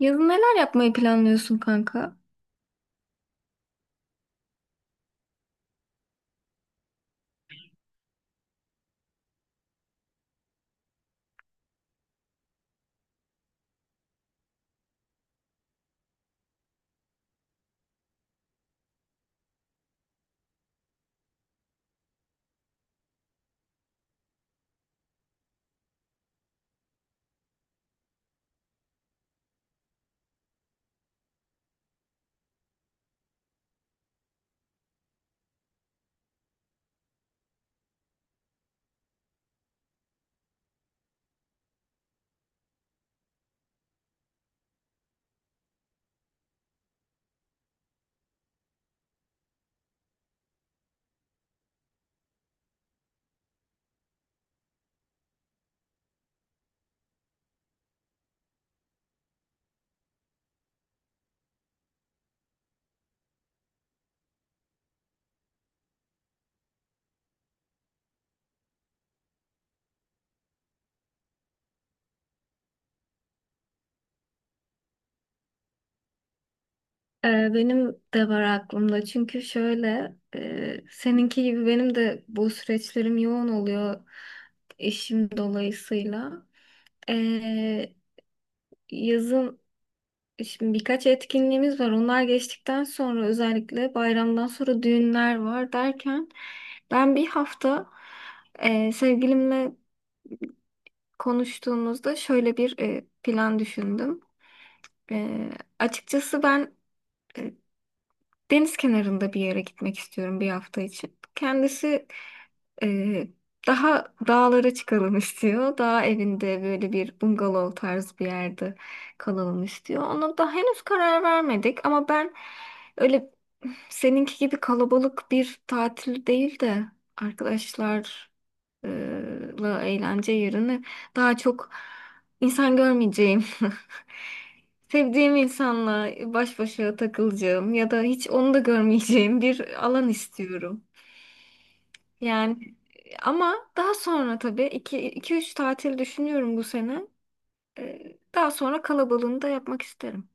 Yazın neler yapmayı planlıyorsun kanka? Ee, Benim de var aklımda çünkü şöyle seninki gibi benim de bu süreçlerim yoğun oluyor işim dolayısıyla. Ee, Yazın şimdi birkaç etkinliğimiz var, onlar geçtikten sonra özellikle bayramdan sonra düğünler var derken ben bir hafta sevgilimle konuştuğumuzda şöyle bir plan düşündüm. E, Açıkçası ben e, deniz kenarında bir yere gitmek istiyorum bir hafta için. Kendisi ee, daha dağlara çıkalım istiyor. Dağ evinde böyle bir bungalov tarzı bir yerde kalalım istiyor. Ona da henüz karar vermedik, ama ben öyle seninki gibi kalabalık bir tatil değil de arkadaşlar e, la eğlence yerine daha çok insan görmeyeceğim. Sevdiğim insanla baş başa takılacağım ya da hiç onu da görmeyeceğim bir alan istiyorum. Yani ama daha sonra tabii 2 3 tatil düşünüyorum bu sene. Daha sonra kalabalığını da yapmak isterim.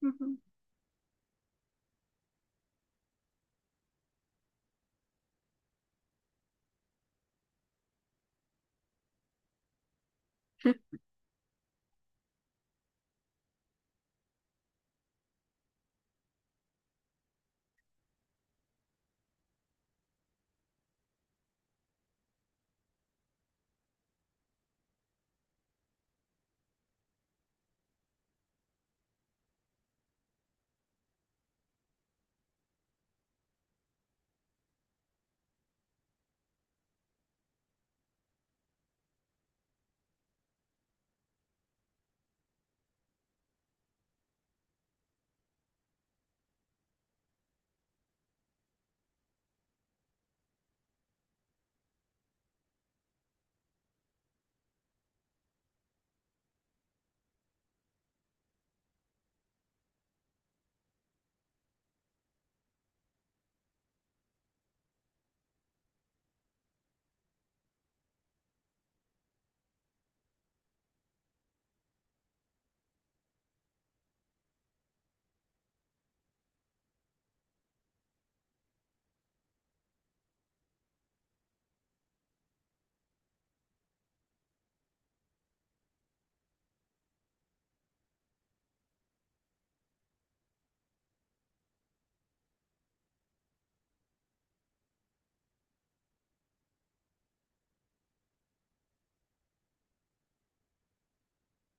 Hı hı. Hı.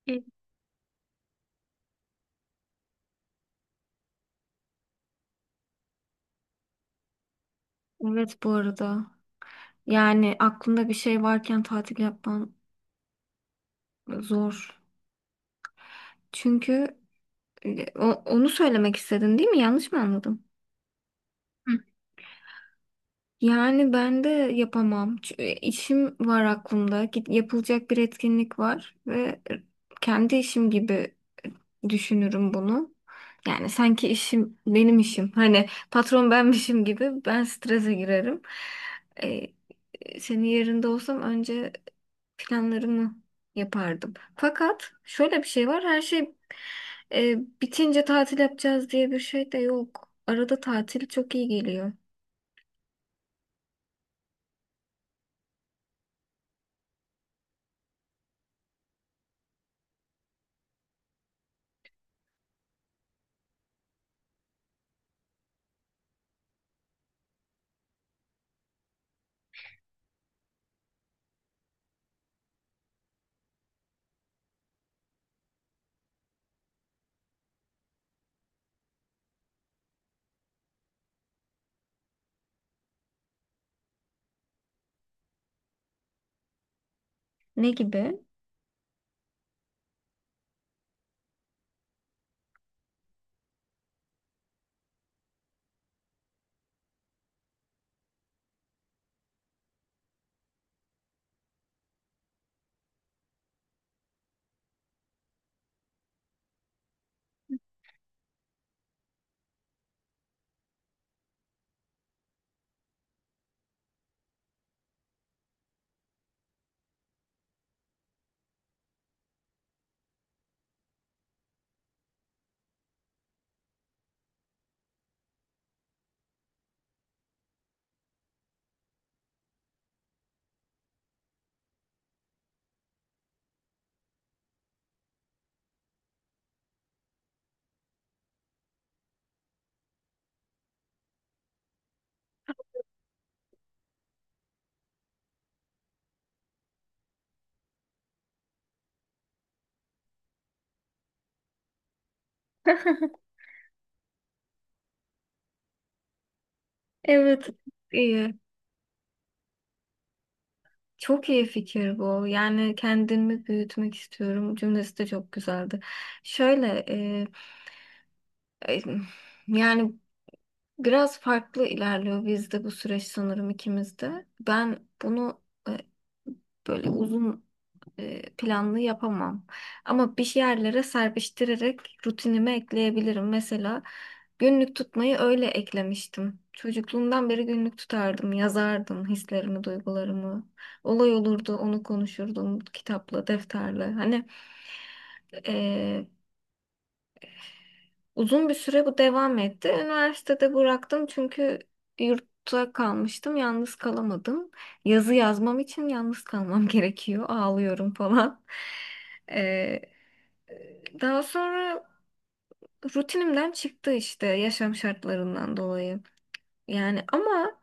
Evet. Evet, bu arada. Yani aklında bir şey varken tatil yapman zor. Çünkü onu söylemek istedin değil mi? Yanlış mı anladım? Hı. Yani ben de yapamam. Çünkü işim var aklımda. Yapılacak bir etkinlik var ve kendi işim gibi düşünürüm bunu. Yani sanki işim benim işim. Hani patron benmişim gibi ben strese girerim. Ee, Senin yerinde olsam önce planlarımı yapardım. Fakat şöyle bir şey var. Her şey e, bitince tatil yapacağız diye bir şey de yok. Arada tatil çok iyi geliyor. Ne gibi? Evet, iyi. Çok iyi fikir bu. Yani kendimi büyütmek istiyorum cümlesi de çok güzeldi. Şöyle e, E, Yani biraz farklı ilerliyor bizde bu süreç, sanırım ikimizde. Ben bunu e, böyle planlı yapamam. Ama bir yerlere serpiştirerek rutinime ekleyebilirim. Mesela günlük tutmayı öyle eklemiştim. Çocukluğumdan beri günlük tutardım, yazardım hislerimi, duygularımı. Olay olurdu, onu konuşurdum kitapla, defterle. E, Uzun bir süre bu devam etti. Üniversitede bıraktım çünkü yurtta kalmıştım. Yalnız kalamadım. Yazı yazmam için yalnız kalmam gerekiyor. Ağlıyorum falan. Ee, Daha sonra rutinimden çıktı işte yaşam şartlarından dolayı. Yani ama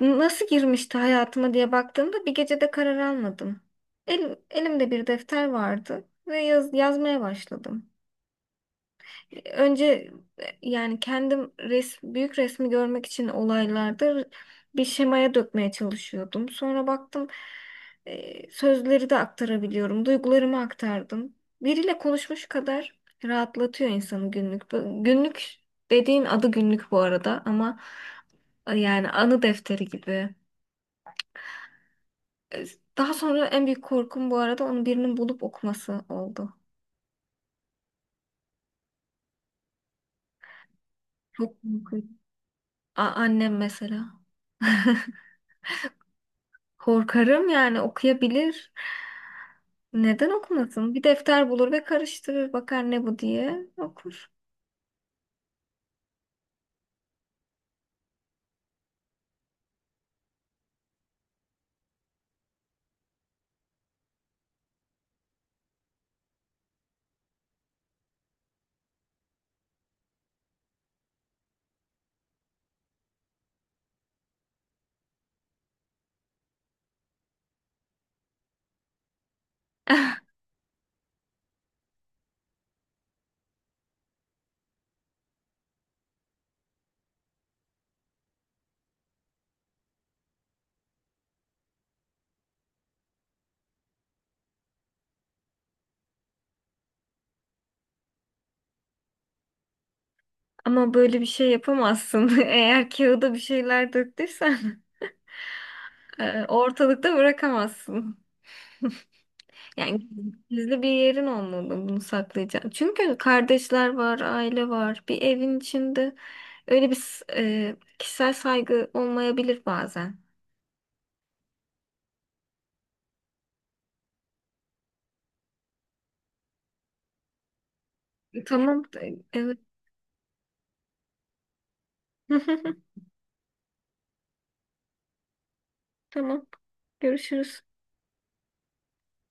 nasıl girmişti hayatıma diye baktığımda bir gecede karar almadım. Elimde bir defter vardı ve yazmaya başladım. Önce yani büyük resmi görmek için olaylarda bir şemaya dökmeye çalışıyordum. Sonra baktım sözleri de aktarabiliyorum. Duygularımı aktardım. Biriyle konuşmuş kadar rahatlatıyor insanı günlük. Günlük dediğin, adı günlük bu arada ama yani anı defteri gibi. Daha sonra en büyük korkum bu arada onu birinin bulup okuması oldu. Çok korkuyorum. Annem mesela. Korkarım yani, okuyabilir. Neden okumasın? Bir defter bulur ve karıştırır, bakar ne bu diye okur. Ama böyle bir şey yapamazsın. Eğer kağıda bir şeyler döktüysen ortalıkta bırakamazsın. Yani gizli bir yerin olmalı, bunu saklayacağın. Çünkü kardeşler var, aile var. Bir evin içinde öyle bir kişisel saygı olmayabilir bazen. Tamam. Evet. Tamam. Görüşürüz.